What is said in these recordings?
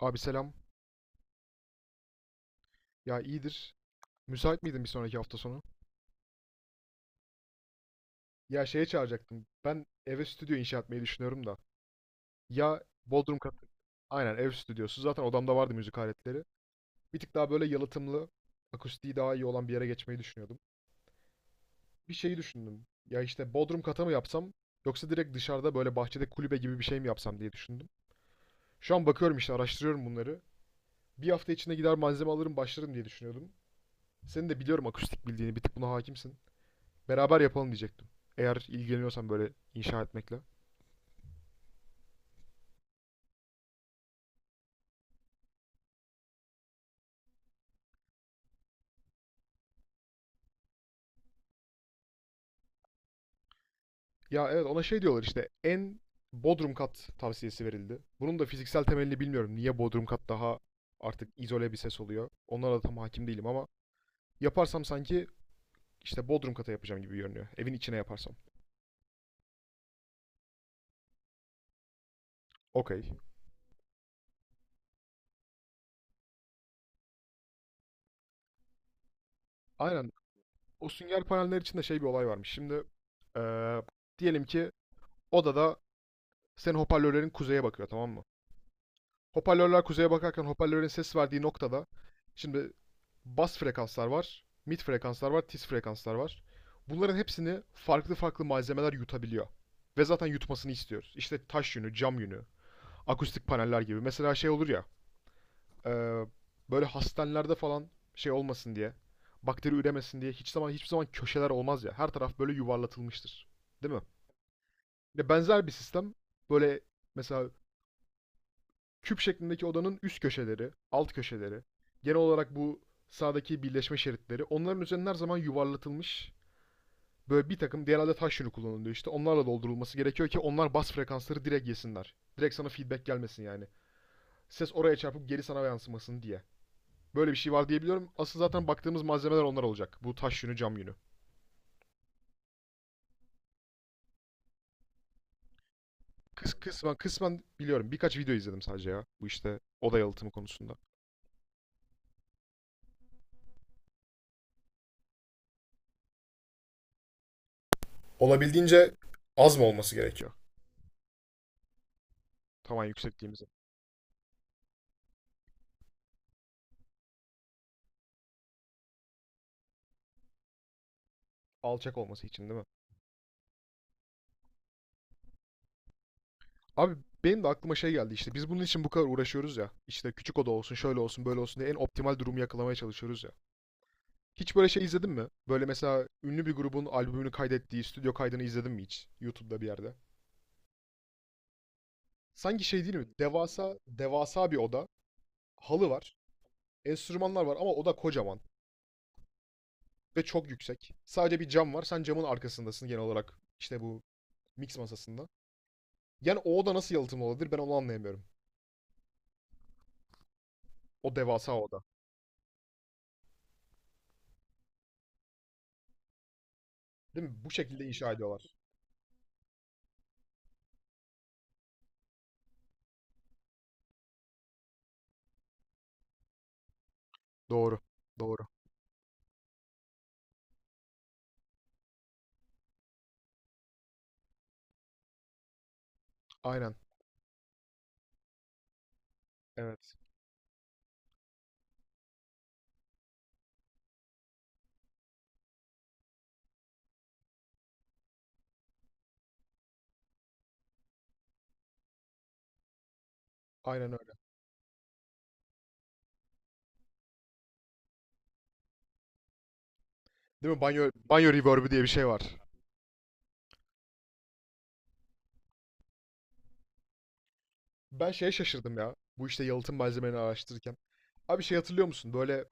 Abi selam. Ya iyidir. Müsait miydin bir sonraki hafta sonu? Ya şeye çağıracaktım. Ben eve stüdyo inşa etmeyi düşünüyorum da. Ya Bodrum katı. Aynen ev stüdyosu. Zaten odamda vardı müzik aletleri. Bir tık daha böyle yalıtımlı, akustiği daha iyi olan bir yere geçmeyi düşünüyordum. Bir şeyi düşündüm. Ya işte Bodrum kata mı yapsam yoksa direkt dışarıda böyle bahçede kulübe gibi bir şey mi yapsam diye düşündüm. Şu an bakıyorum işte araştırıyorum bunları. Bir hafta içinde gider malzeme alırım başlarım diye düşünüyordum. Senin de biliyorum akustik bildiğini bir tık buna hakimsin. Beraber yapalım diyecektim. Eğer ilgileniyorsan böyle inşa etmekle. Ya evet ona şey diyorlar işte bodrum kat tavsiyesi verildi. Bunun da fiziksel temelini bilmiyorum. Niye bodrum kat daha artık izole bir ses oluyor. Onlara da tam hakim değilim ama yaparsam sanki işte bodrum kata yapacağım gibi görünüyor. Evin içine yaparsam. Okey. Aynen. O sünger paneller için de şey bir olay varmış. Şimdi eee, diyelim ki odada senin hoparlörlerin kuzeye bakıyor, tamam mı? Hoparlörler kuzeye bakarken hoparlörlerin ses verdiği noktada şimdi bas frekanslar var, mid frekanslar var, tiz frekanslar var. Bunların hepsini farklı farklı malzemeler yutabiliyor. Ve zaten yutmasını istiyoruz. İşte taş yünü, cam yünü, akustik paneller gibi. Mesela şey olur ya, e, böyle hastanelerde falan şey olmasın diye, bakteri üremesin diye hiçbir zaman köşeler olmaz ya. Her taraf böyle yuvarlatılmıştır. Değil mi? Ya benzer bir sistem böyle, mesela küp şeklindeki odanın üst köşeleri, alt köşeleri, genel olarak bu sağdaki birleşme şeritleri onların üzerine her zaman yuvarlatılmış, böyle bir takım genelde taş yünü kullanılıyor, işte onlarla doldurulması gerekiyor ki onlar bas frekansları direkt yesinler. Direkt sana feedback gelmesin yani. Ses oraya çarpıp geri sana yansımasın diye. Böyle bir şey var diyebiliyorum. Asıl zaten baktığımız malzemeler onlar olacak. Bu taş yünü, cam yünü. Kısmen kısmen biliyorum. Birkaç video izledim sadece ya. Bu işte oda yalıtımı konusunda. Olabildiğince az mı olması gerekiyor? Tamam, yüksekliğimizin. Alçak olması için değil mi? Abi benim de aklıma şey geldi, işte biz bunun için bu kadar uğraşıyoruz ya. İşte küçük oda olsun, şöyle olsun, böyle olsun diye en optimal durumu yakalamaya çalışıyoruz ya. Hiç böyle şey izledin mi? Böyle mesela ünlü bir grubun albümünü kaydettiği stüdyo kaydını izledin mi hiç? YouTube'da bir yerde. Sanki şey değil mi? Devasa, devasa bir oda. Halı var. Enstrümanlar var ama oda kocaman ve çok yüksek. Sadece bir cam var. Sen camın arkasındasın genel olarak. İşte bu mix masasında. Yani o oda nasıl yalıtımlı olabilir, ben onu anlayamıyorum. O devasa oda. Değil mi? Bu şekilde inşa ediyorlar. Doğru. Doğru. Aynen. Evet. Aynen öyle. Değil mi? Banyo, banyo reverb'ü diye bir şey var. Ben şeye şaşırdım ya. Bu işte yalıtım malzemelerini araştırırken. Abi şey hatırlıyor musun? Böyle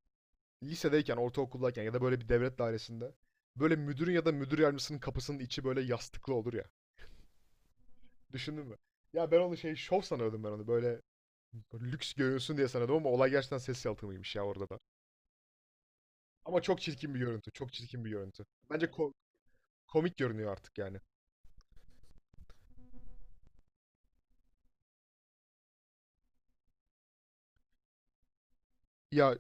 lisedeyken, ortaokuldayken ya da böyle bir devlet dairesinde böyle müdürün ya da müdür yardımcısının kapısının içi böyle yastıklı olur ya. Düşündün mü? Ya ben onu şey şov sanıyordum, ben onu. Böyle lüks görünsün diye sanıyordum ama olay gerçekten ses yalıtımıymış ya, orada da. Ama çok çirkin bir görüntü. Çok çirkin bir görüntü. Bence komik görünüyor artık yani. Ya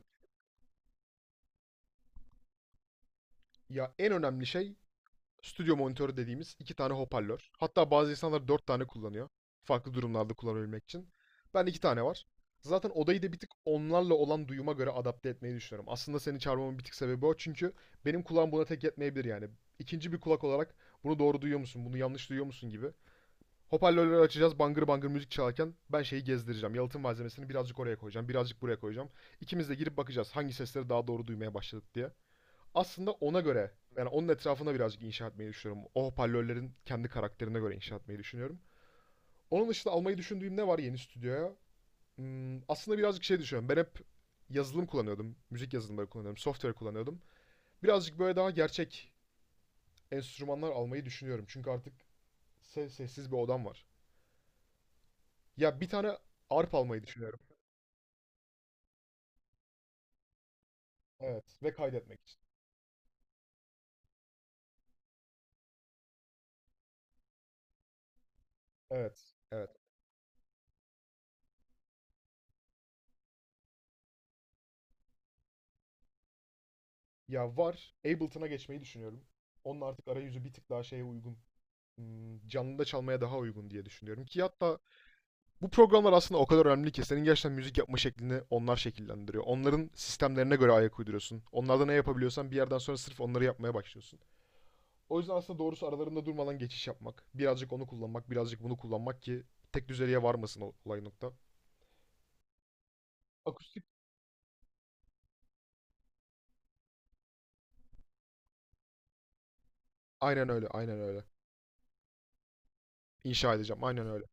ya en önemli şey stüdyo monitörü dediğimiz iki tane hoparlör. Hatta bazı insanlar dört tane kullanıyor. Farklı durumlarda kullanabilmek için. Ben iki tane var. Zaten odayı da bir tık onlarla olan duyuma göre adapte etmeyi düşünüyorum. Aslında seni çağırmamın bir tık sebebi o. Çünkü benim kulağım buna tek yetmeyebilir yani. İkinci bir kulak olarak bunu doğru duyuyor musun, bunu yanlış duyuyor musun gibi. Hoparlörleri açacağız, bangır bangır müzik çalarken ben şeyi gezdireceğim. Yalıtım malzemesini birazcık oraya koyacağım, birazcık buraya koyacağım. İkimiz de girip bakacağız hangi sesleri daha doğru duymaya başladık diye, aslında ona göre yani onun etrafına birazcık inşa etmeyi düşünüyorum. O hoparlörlerin kendi karakterine göre inşa etmeyi düşünüyorum. Onun dışında almayı düşündüğüm ne var yeni stüdyoya? Aslında birazcık şey düşünüyorum. Ben hep yazılım kullanıyordum. Müzik yazılımları kullanıyordum. Software kullanıyordum. Birazcık böyle daha gerçek enstrümanlar almayı düşünüyorum. Çünkü artık sessiz bir odam var. Ya bir tane arp almayı düşünüyorum. Evet. Ve kaydetmek için. Evet. Evet. Ya var. Ableton'a geçmeyi düşünüyorum. Onun artık arayüzü bir tık daha şeye uygun, canlıda çalmaya daha uygun diye düşünüyorum ki hatta bu programlar aslında o kadar önemli ki senin gerçekten müzik yapma şeklini onlar şekillendiriyor. Onların sistemlerine göre ayak uyduruyorsun. Onlarda ne yapabiliyorsan bir yerden sonra sırf onları yapmaya başlıyorsun. O yüzden aslında doğrusu aralarında durmadan geçiş yapmak. Birazcık onu kullanmak, birazcık bunu kullanmak ki tek düzeliğe varmasın o olay nokta. Akustik. Aynen öyle, aynen öyle. İnşa edeceğim, aynen öyle.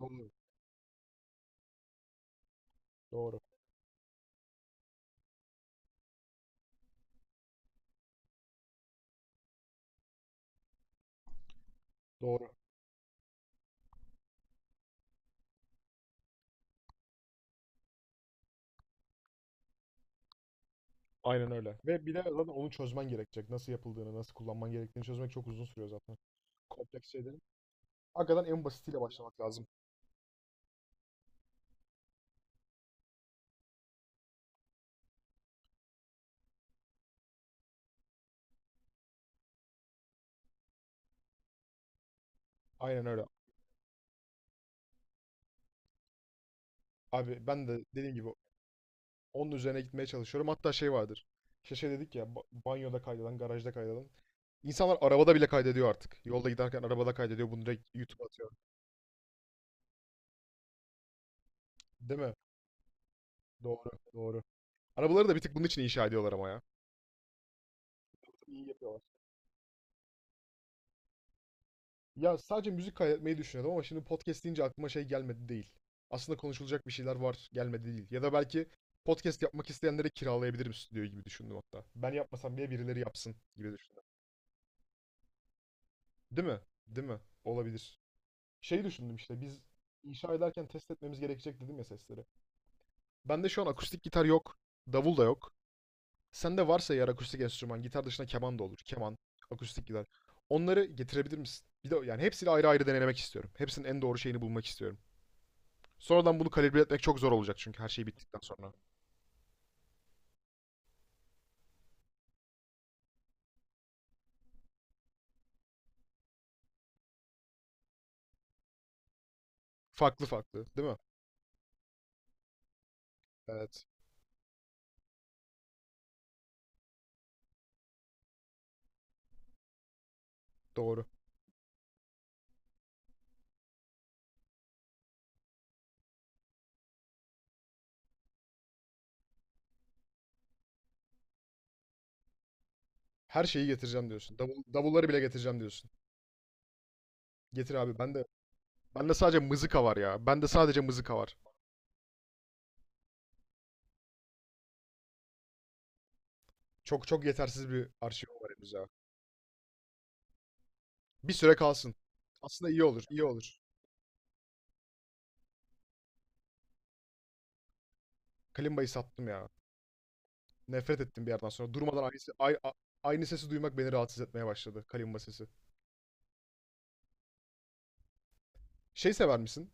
Doğru, doğru, doğru. Aynen öyle. Ve bir de zaten onu çözmen gerekecek. Nasıl yapıldığını, nasıl kullanman gerektiğini çözmek çok uzun sürüyor zaten. Kompleks şeyleri. Hakikaten en basitiyle başlamak lazım. Aynen öyle. Abi ben de dediğim gibi onun üzerine gitmeye çalışıyorum. Hatta şey vardır. İşte şey dedik ya, banyoda kaydeden, garajda kaydeden. İnsanlar arabada bile kaydediyor artık. Yolda giderken arabada kaydediyor. Bunu direkt YouTube'a atıyor. Değil mi? Doğru, doğru. Arabaları da bir tık bunun için inşa ediyorlar ama ya. İyi yapıyorlar. Ya sadece müzik kaydetmeyi düşünüyordum ama şimdi podcast deyince aklıma şey gelmedi değil. Aslında konuşulacak bir şeyler var, gelmedi değil. Ya da belki podcast yapmak isteyenlere kiralayabilirim stüdyoyu gibi düşündüm hatta. Ben yapmasam bile birileri yapsın gibi düşündüm. Değil mi? Değil mi? Olabilir. Şey düşündüm, işte biz inşa ederken test etmemiz gerekecek dedim ya sesleri. Bende şu an akustik gitar yok. Davul da yok. Sende varsa eğer akustik enstrüman, gitar dışında keman da olur. Keman, akustik gitar. Onları getirebilir misin? Bir de yani hepsini ayrı ayrı denemek istiyorum. Hepsinin en doğru şeyini bulmak istiyorum. Sonradan bunu kalibre etmek çok zor olacak çünkü her şey bittikten sonra. Farklı farklı, değil mi? Evet, doğru. Her şeyi getireceğim diyorsun. Davulları bile getireceğim diyorsun. Getir abi. Ben de sadece mızıka var ya. Ben de sadece mızıka var. Çok çok yetersiz bir arşivim var henüz ya. Bir süre kalsın. Aslında iyi olur, iyi olur. Kalimba'yı sattım ya. Nefret ettim bir yerden sonra. Durmadan aynı, se- ay- a- aynı sesi duymak beni rahatsız etmeye başladı. Kalimba sesi. Şey sever misin?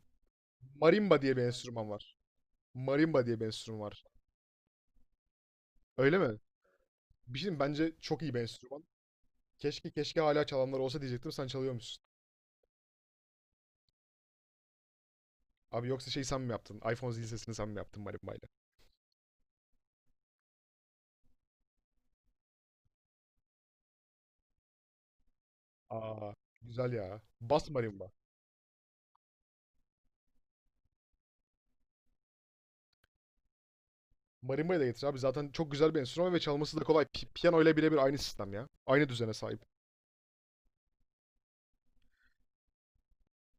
Marimba diye bir enstrüman var. Marimba diye bir enstrüman var. Öyle mi? Bir şey diyeyim mi? Bence çok iyi bir enstrüman. Keşke keşke hala çalanlar olsa diyecektim, sen çalıyormuşsun. Abi yoksa şey sen mi yaptın? iPhone zil sesini sen mi yaptın marimbayla? Aa güzel ya. Bas marimba. Marimba'yı da getir abi. Zaten çok güzel bir enstrüman ve çalması da kolay. Piyano ile birebir aynı sistem ya. Aynı düzene sahip.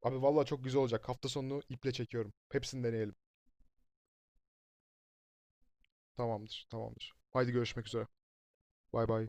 Abi vallahi çok güzel olacak. Hafta sonunu iple çekiyorum. Hepsini deneyelim. Tamamdır, tamamdır. Haydi görüşmek üzere. Bay bay.